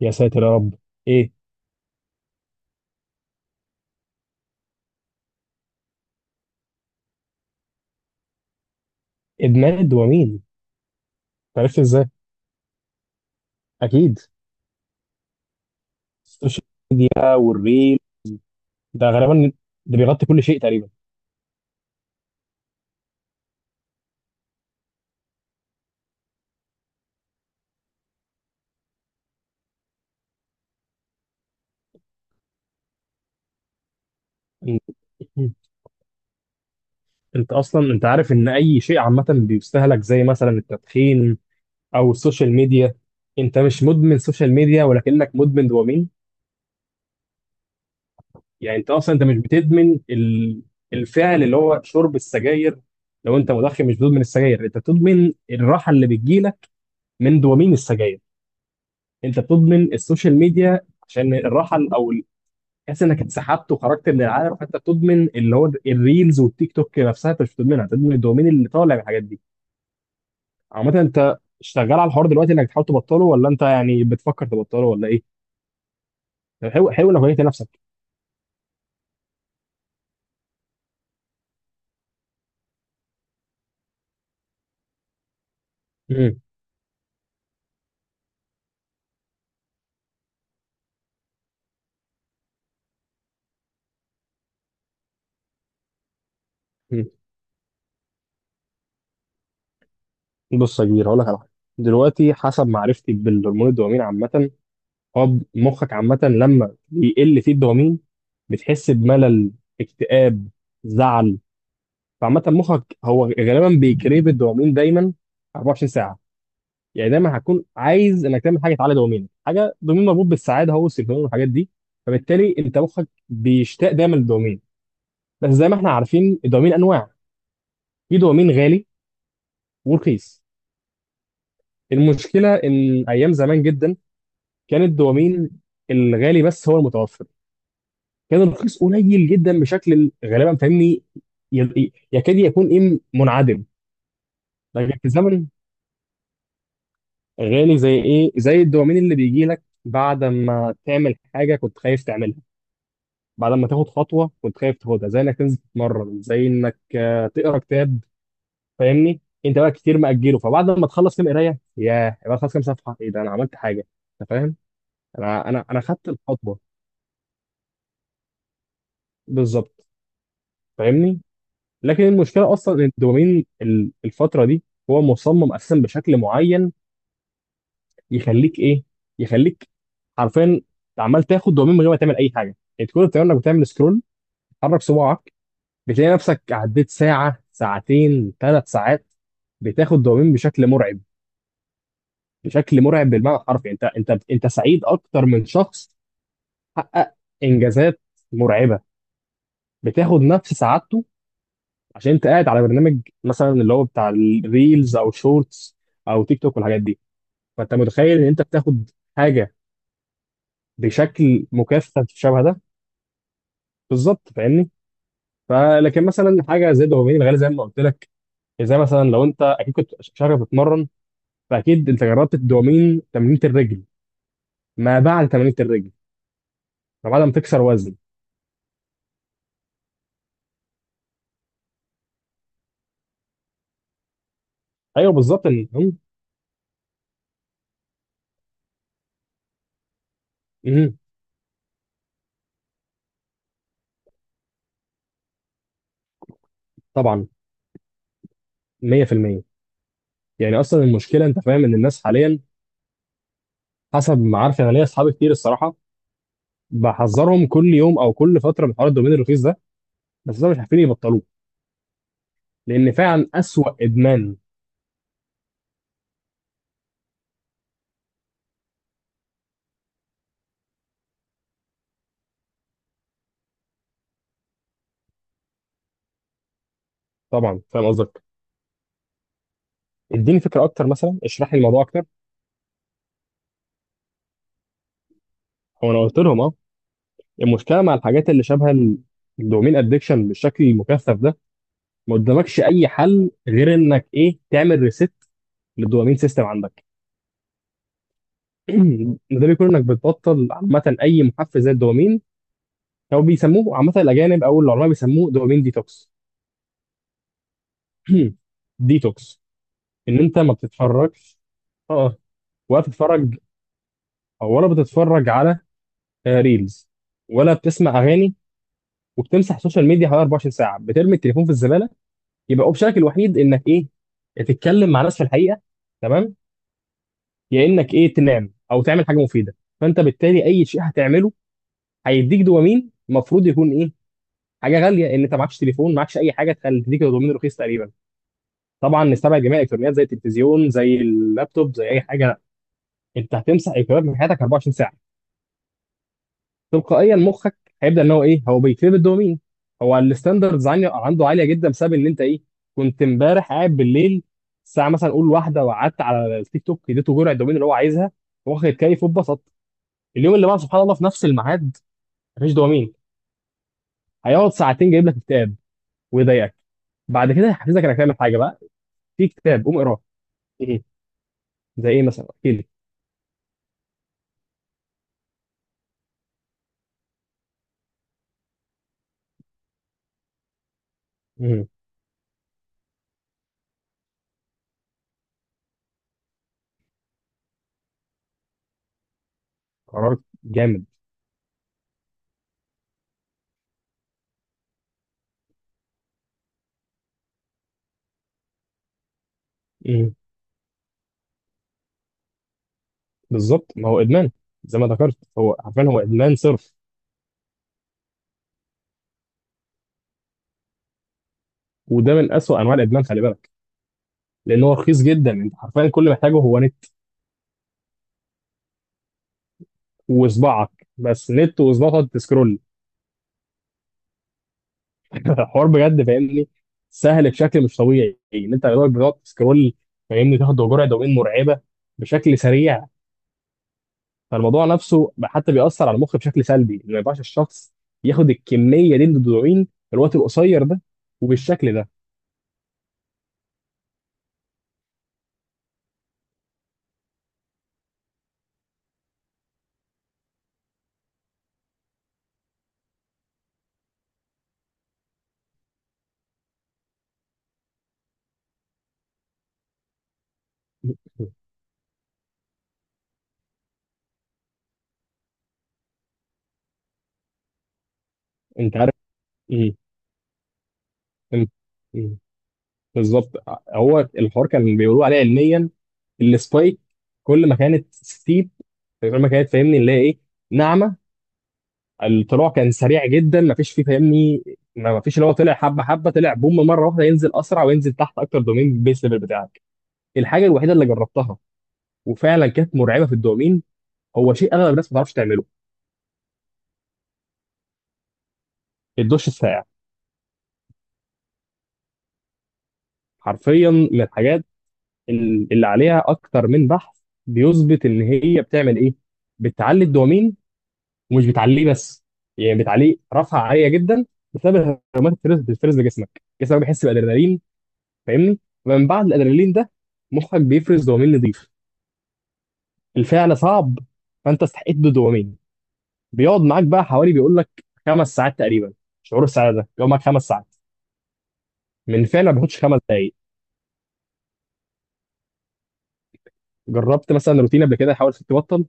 يا ساتر يا رب. ايه؟ ادمان الدوبامين. عرفت ازاي؟ اكيد. السوشيال ميديا والريل، ده غالبا ده بيغطي كل شيء تقريبا. إن- انت اصلا عارف ان اي شيء عامه بيستهلك، زي مثلا التدخين او السوشيال ميديا. انت مش مدمن سوشيال ميديا، ولكنك مدمن دوبامين. يعني انت اصلا مش بتدمن الفعل اللي هو شرب السجاير. لو انت مدخن، مش بتدمن السجاير، انت بتدمن الراحه اللي بتجيلك من دوبامين السجاير. انت بتضمن السوشيال ميديا عشان الراحه ال- او ال- تحس انك اتسحبت وخرجت من العالم، فانت بتضمن اللي هو الريلز والتيك توك. نفسها انت مش بتضمنها، بتضمن الدومين اللي طالع من الحاجات دي. عامه انت شغال على الحوار دلوقتي انك تحاول تبطله، ولا انت يعني بتفكر تبطله، ولا ايه؟ طب حلو، حلو انك وجهت نفسك. مم. مم. بص يا كبير، هقول لك على حاجه. دلوقتي حسب معرفتي بالهرمون الدوبامين عامه، هو مخك عامه لما بيقل فيه الدوبامين بتحس بملل، اكتئاب، زعل. فعامة مخك هو غالبا بيكريب الدوبامين دايما 24 ساعة. يعني دايما هتكون عايز انك تعمل حاجة تعلي دوبامين. حاجة دوبامين مربوط بالسعادة، هو السيروتونين والحاجات دي. فبالتالي انت مخك بيشتاق دايما للدوبامين. بس زي ما احنا عارفين، الدوبامين انواع. في دوبامين غالي ورخيص. المشكلة ان ايام زمان جدا كان الدوبامين الغالي بس هو المتوفر، كان الرخيص قليل جدا بشكل غالبا، فاهمني، يكاد يكون ايه، منعدم. لكن في الزمن، غالي زي ايه؟ زي الدوبامين اللي بيجي لك بعد ما تعمل حاجه كنت خايف تعملها، بعد ما تاخد خطوه كنت خايف تاخدها، زي انك تنزل تتمرن، زي انك تقرا كتاب. فاهمني، انت بقى كتير مأجله، فبعد ما تخلص كام قرايه، ياه، يبقى خلاص كام صفحه ايه ده، انا عملت حاجه. انت فاهم، انا خدت الخطوه. بالظبط، فاهمني. لكن المشكله اصلا ان الدوبامين الفتره دي هو مصمم اساسا بشكل معين يخليك ايه، يخليك حرفيا عمال تاخد دوبامين من غير ما تعمل اي حاجه. انت كل اللي بتعمله انك بتعمل سكرول، تحرك صباعك، بتلاقي نفسك عديت ساعه، ساعتين، 3 ساعات، بتاخد دوبامين بشكل مرعب. بشكل مرعب بالمعنى الحرفي، انت سعيد اكتر من شخص حقق انجازات مرعبه، بتاخد نفس سعادته، عشان انت قاعد على برنامج مثلا اللي هو بتاع الريلز او شورتس او تيك توك والحاجات دي. فانت متخيل ان انت بتاخد حاجه بشكل مكثف شبه ده. بالظبط فاهمني. فلكن مثلا حاجه زي الدوبامين الغالي، زي ما قلت لك، زي مثلا لو انت، اكيد كنت شغال بتتمرن، فاكيد انت جربت الدوبامين تمرينه الرجل، ما بعد تمرينه الرجل، ما بعد ما تكسر وزن. ايوه بالظبط، ان هم- هم، طبعا. 100%. يعني اصلا المشكله، انت فاهم ان الناس حاليا، حسب ما عارف انا، ليا اصحابي كتير الصراحه، بحذرهم كل يوم او كل فتره من حوار الدوبامين الرخيص ده، بس ده مش عارفين يبطلوه، لان فعلا اسوأ ادمان. طبعا فاهم قصدك. اديني فكره اكتر، مثلا اشرح لي الموضوع اكتر، هو انا قلت لهم اه، المشكله مع الحاجات اللي شبه الدومين ادكشن بالشكل المكثف ده، ما قدامكش اي حل غير انك ايه، تعمل ريست للدوبامين سيستم عندك. ده بيكون انك بتبطل عامه اي محفز زي الدوبامين، او بيسموه عامه الاجانب او العلماء بيسموه دوبامين ديتوكس. ديتوكس، ان انت ما بتتفرجش، اه، ولا بتتفرج، ولا بتتفرج على ريلز، ولا بتسمع اغاني، وبتمسح السوشيال ميديا حوالي 24 ساعه، بترمي التليفون في الزباله. يبقى اوبشنك الوحيد انك ايه، تتكلم مع ناس في الحقيقه، تمام، يا انك ايه تنام، او تعمل حاجه مفيده. فانت بالتالي اي شيء هتعمله هيديك دوبامين، المفروض يكون ايه، حاجه غاليه، ان انت معكش تليفون، معكش اي حاجه تخلي تديك دوبامين رخيص تقريبا. طبعا نستبعد جميع الالكترونيات زي التلفزيون، زي اللابتوب، زي اي حاجه. انت هتمسح الكترونيات من حياتك 24 ساعه. تلقائيا مخك هيبدا ان هو ايه، هو بيكريب الدوبامين. هو الستاندردز عنده عاليه جدا بسبب ان انت ايه، كنت امبارح قاعد بالليل، الساعه مثلا قول واحده، وقعدت على التيك توك، اديته جرعه الدوبامين اللي هو عايزها، واخد كيف واتبسط. اليوم اللي بعده، سبحان الله، في نفس الميعاد، مفيش دوبامين. هيقعد ساعتين جايب لك كتاب ويضايقك، بعد كده هيحفزك انك تعمل حاجه بقى، في كتاب قوم اقراه. ايه؟ زي ايه مثلا؟ احكي لي. مم. قرار جامد. مم. بالظبط، ما هو ادمان، زي ما ذكرت هو، عارفين، هو ادمان صرف. وده من أسوأ أنواع الإدمان، خلي بالك، لأن هو رخيص جدا. أنت حرفيا كل محتاجه هو نت، وصباعك. بس نت وصباعك تسكرول. حوار بجد، فاهمني، سهل بشكل مش طبيعي إن أنت دلوقتي بتقعد تسكرول، فاهمني، تاخد جرعة دوبامين مرعبة بشكل سريع. فالموضوع نفسه حتى بيأثر على المخ بشكل سلبي. ما ينفعش الشخص ياخد الكمية دي من الدوبامين في الوقت القصير ده وبالشكل ده. انت عارف ايه؟ إمم. إيه؟ بالظبط. هو الحوار كان بيقولوا عليه علميا السبايك. كل ما كانت ستيب، كل ما كانت فاهمني اللي هي ايه، ناعمه، الطلوع كان سريع جدا، ما فيش فيه، فاهمني، ما فيش اللي هو طلع حبه حبه، طلع بوم مره واحده، ينزل اسرع وينزل تحت اكتر دومين بيس ليفل بتاعك. الحاجه الوحيده اللي جربتها وفعلا كانت مرعبه في الدومين، هو شيء اغلب الناس ما تعرفش تعمله، الدش الساقع. حرفيا من الحاجات اللي عليها اكتر من بحث بيثبت ان هي بتعمل ايه، بتعلي الدومين، ومش بتعليه بس، يعني بتعليه رفعه عاليه جدا، بسبب هرمونات الفرز، بتفرز لجسمك، جسمك بيحس بالادرينالين، فاهمني، فمن بعد الادرينالين ده مخك بيفرز دوبامين نضيف. الفعل صعب، فانت استحقيت بالدوبامين. بيقعد معاك بقى حوالي، بيقول لك، 5 ساعات تقريبا. شعور السعاده ده بيقعد معاك 5 ساعات، من فعل ما بياخدش 5 دقايق. جربت مثلا روتين قبل كده؟ حاولت تبطل؟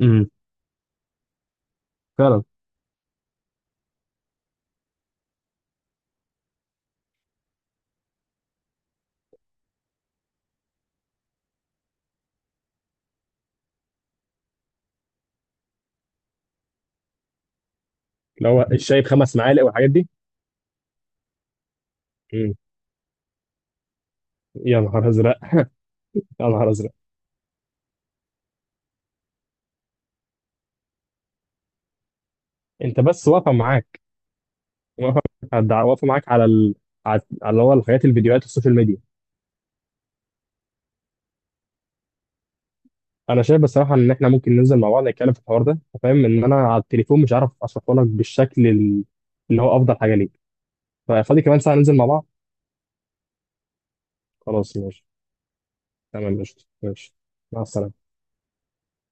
امم فعلا اللي هو الشاي بـ5 معالق والحاجات دي. امم يا نهار ازرق. يا نهار ازرق. انت بس واقفه معاك، واقفه. واقفه معاك على على اللي هو الحاجات، الفيديوهات، السوشيال ميديا. انا شايف بصراحه ان احنا ممكن ننزل مع بعض نتكلم في الحوار ده. أنت فاهم ان انا على التليفون مش عارف اشرحه لك بالشكل اللي هو افضل حاجه ليك. ففاضي كمان ساعه، ننزل مع بعض. خلاص ماشي. تمام، ماشي ماشي. مع السلامه.